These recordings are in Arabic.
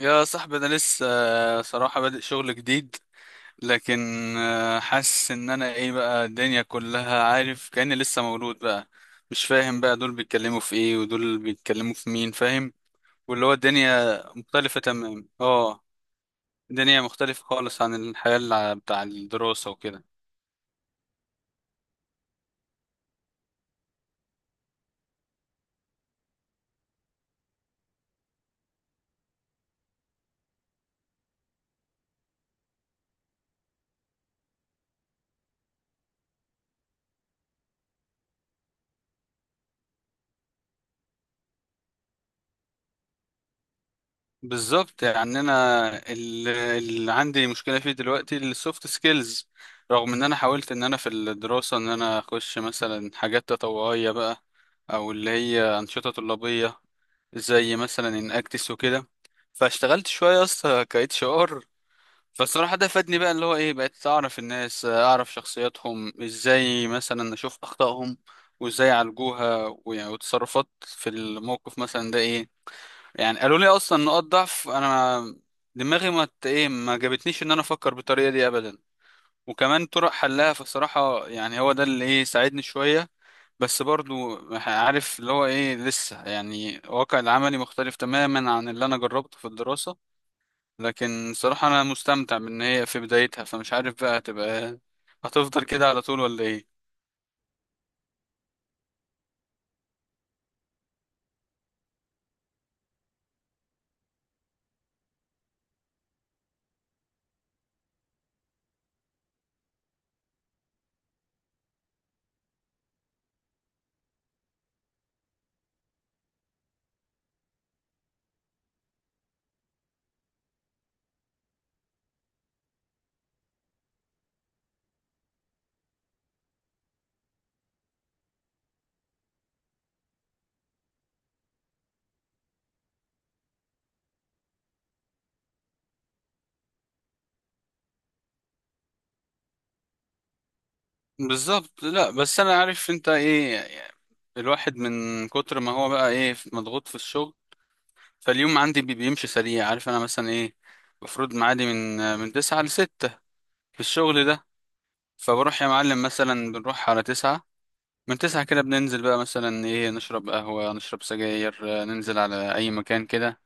يا صاحبي انا لسه صراحة بادئ شغل جديد. لكن حاسس ان انا ايه بقى الدنيا كلها عارف كأني لسه مولود بقى. مش فاهم بقى دول بيتكلموا في ايه ودول بيتكلموا في مين فاهم. واللي هو الدنيا مختلفة تمام. اه. الدنيا مختلفة خالص عن الحياة بتاع الدراسة وكده. بالظبط، يعني انا اللي عندي مشكله فيه دلوقتي السوفت سكيلز، رغم ان انا حاولت ان انا في الدراسه ان انا اخش مثلا حاجات تطوعيه بقى، او اللي هي انشطه طلابيه زي مثلا ان اكتس وكده. فاشتغلت شويه اصلا ك اتش ار. فالصراحه ده فادني بقى اللي هو ايه، بقيت اعرف الناس، اعرف شخصياتهم ازاي، مثلا اشوف اخطائهم وازاي يعالجوها، ويعني وتصرفات في الموقف مثلا ده ايه. يعني قالوا لي اصلا نقاط ضعف انا دماغي ما ت- ايه ما جابتنيش ان انا افكر بالطريقه دي ابدا، وكمان طرق حلها. فصراحه يعني هو ده اللي ايه ساعدني شويه. بس برضو عارف اللي هو ايه لسه، يعني الواقع العملي مختلف تماما عن اللي انا جربته في الدراسه. لكن صراحه انا مستمتع بان هي في بدايتها، فمش عارف بقى هتفضل كده على طول ولا ايه. بالظبط. لا بس انا عارف انت ايه، الواحد من كتر ما هو بقى ايه مضغوط في الشغل. فاليوم عندي بيمشي سريع. عارف انا مثلا ايه، المفروض معادي من تسعة لستة في الشغل ده. فبروح يا معلم مثلا، بنروح على تسعة. من تسعة كده بننزل بقى مثلا ايه، نشرب قهوة، نشرب سجاير، ننزل على أي مكان كده.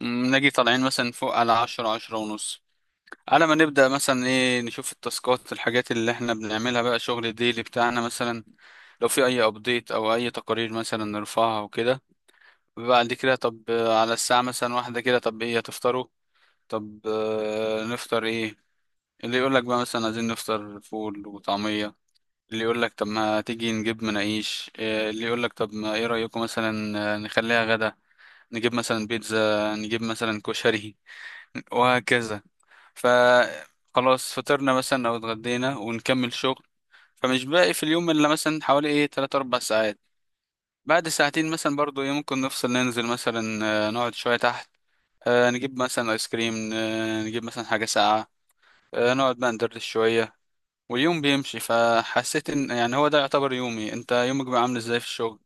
نجي طالعين مثلا فوق على عشرة، عشرة ونص، على ما نبدأ مثلا ايه نشوف التاسكات، الحاجات اللي احنا بنعملها بقى، شغل الديلي بتاعنا مثلا. لو في أي أبديت أو أي تقارير مثلا نرفعها وكده. بعد كده طب على الساعة مثلا واحدة كده، طب ايه هتفطروا؟ طب نفطر ايه؟ اللي يقول لك بقى مثلا عايزين نفطر فول وطعمية، اللي يقول لك طب ما تيجي نجيب مناقيش، اللي يقول لك طب ما ايه رأيكم مثلا نخليها غدا، نجيب مثلا بيتزا، نجيب مثلا كشري. وهكذا. ف خلاص، فطرنا مثلا او اتغدينا ونكمل شغل. فمش باقي في اليوم الا مثلا حوالي ايه 3 4 ساعات. بعد ساعتين مثلا برضو ايه ممكن نفصل، ننزل مثلا نقعد شوية تحت، نجيب مثلا ايس كريم، نجيب مثلا حاجة ساقعة، نقعد بقى ندردش شوية. واليوم بيمشي. فحسيت ان يعني هو ده يعتبر يومي. انت يومك بقى عامل ازاي في الشغل؟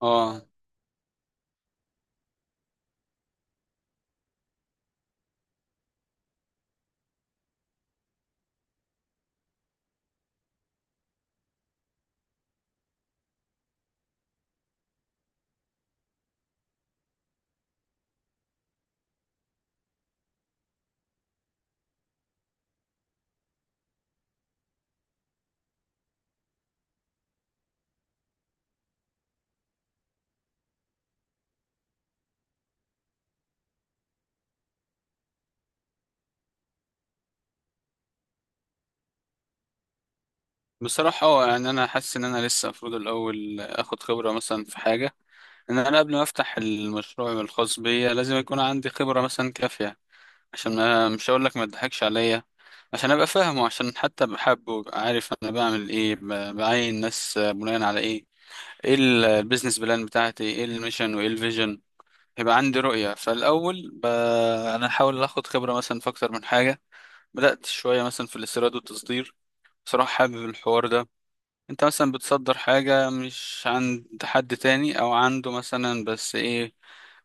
اه. بصراحة اه يعني انا حاسس ان انا لسه المفروض الاول اخد خبرة مثلا في حاجة، ان انا قبل ما افتح المشروع الخاص بيا لازم يكون عندي خبرة مثلا كافية، عشان ما مش هقول لك ما تضحكش عليا. عشان ابقى فاهمه، عشان حتى بحبه، وأبقى عارف انا بعمل ايه، بعين ناس بناء على ايه، ايه البيزنس بلان بتاعتي، ايه الميشن وايه الفيجن. هيبقى عندي رؤية. فالأول أنا أحاول أخد خبرة مثلا في أكتر من حاجة. بدأت شوية مثلا في الاستيراد والتصدير. بصراحة حابب الحوار ده. أنت مثلا بتصدر حاجة مش عند حد تاني، أو عنده مثلا بس إيه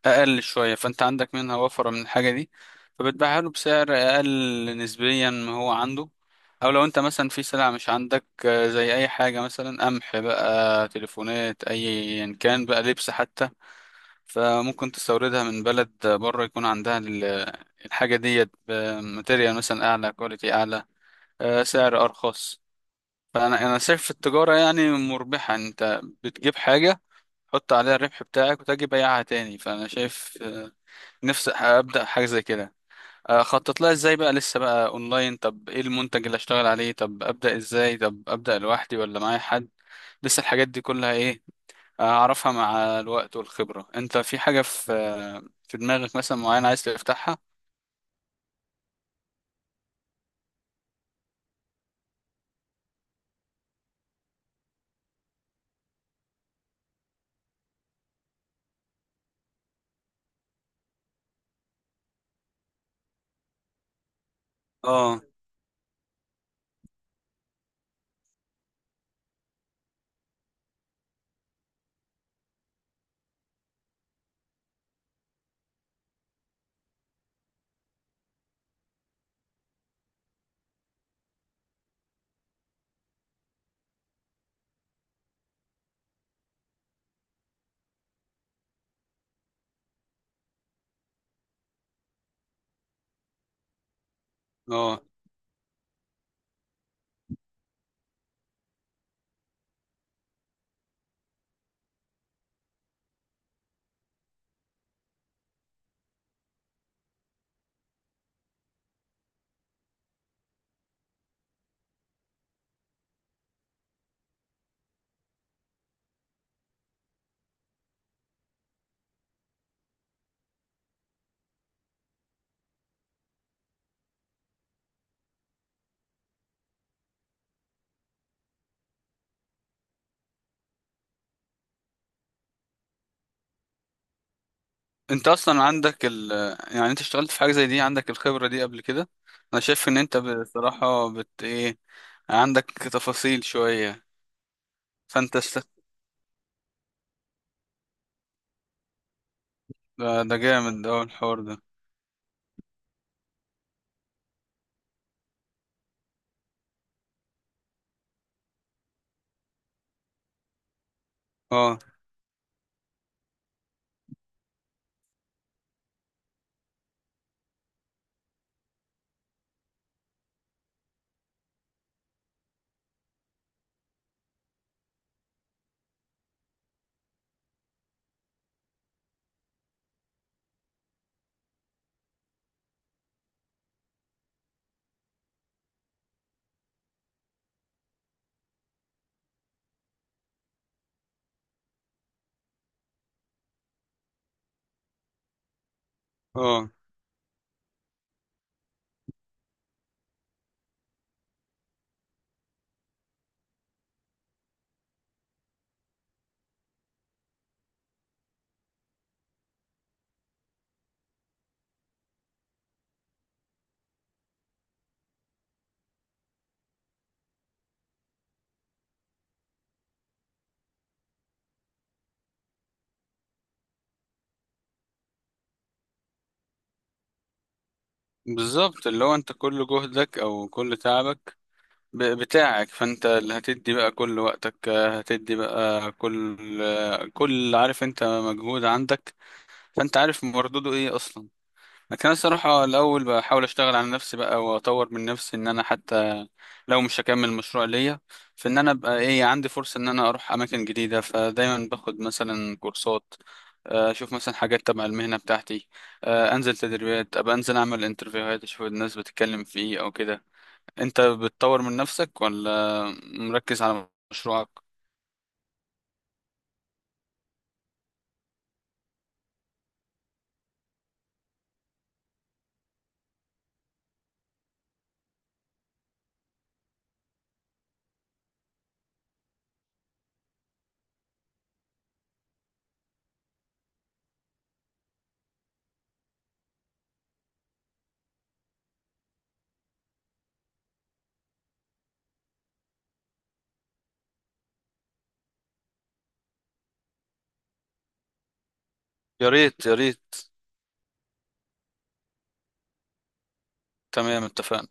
أقل شوية، فأنت عندك منها وفرة من الحاجة دي، فبتبيعها له بسعر أقل نسبيا ما هو عنده. أو لو أنت مثلا في سلعة مش عندك، زي أي حاجة مثلا قمح بقى، تليفونات، أيا كان بقى، لبس حتى، فممكن تستوردها من بلد بره يكون عندها الحاجة ديت بماتيريال مثلا أعلى، كواليتي أعلى، سعر أرخص. فأنا شايف التجارة يعني مربحة، يعني أنت بتجيب حاجة، تحط عليها الربح بتاعك وتجي بيعها تاني. فأنا شايف نفسي أبدأ حاجة زي كده. خطط لها إزاي بقى لسه، بقى أونلاين، طب إيه المنتج اللي أشتغل عليه، طب أبدأ إزاي، طب أبدأ لوحدي ولا معايا حد. لسه الحاجات دي كلها إيه، اعرفها مع الوقت والخبرة. انت في حاجة في في دماغك مثلا معينة عايز تفتحها؟ اه. اه انت اصلا عندك ال، يعني انت اشتغلت في حاجة زي دي، عندك الخبرة دي قبل كده؟ انا شايف ان انت بصراحة بت ايه، عندك تفاصيل شوية. فانت است... ده ده جامد ده الحوار ده. اه. اه بالظبط، اللي هو انت كل جهدك او كل تعبك بتاعك، فانت اللي هتدي بقى كل وقتك، هتدي بقى كل كل عارف انت مجهود عندك، فانت عارف مردوده ايه اصلا. لكن انا الصراحه الاول بحاول اشتغل على نفسي بقى واطور من نفسي، ان انا حتى لو مش هكمل مشروع ليا، فان انا ابقى ايه عندي فرصه ان انا اروح اماكن جديده. فدايما باخد مثلا كورسات، اشوف مثلا حاجات تبع المهنه بتاعتي، انزل تدريبات، ابقى انزل اعمل انترفيوهات، اشوف الناس بتتكلم في ايه او كده. انت بتطور من نفسك ولا مركز على مشروعك؟ يا ريت يا ريت. تمام، اتفقنا.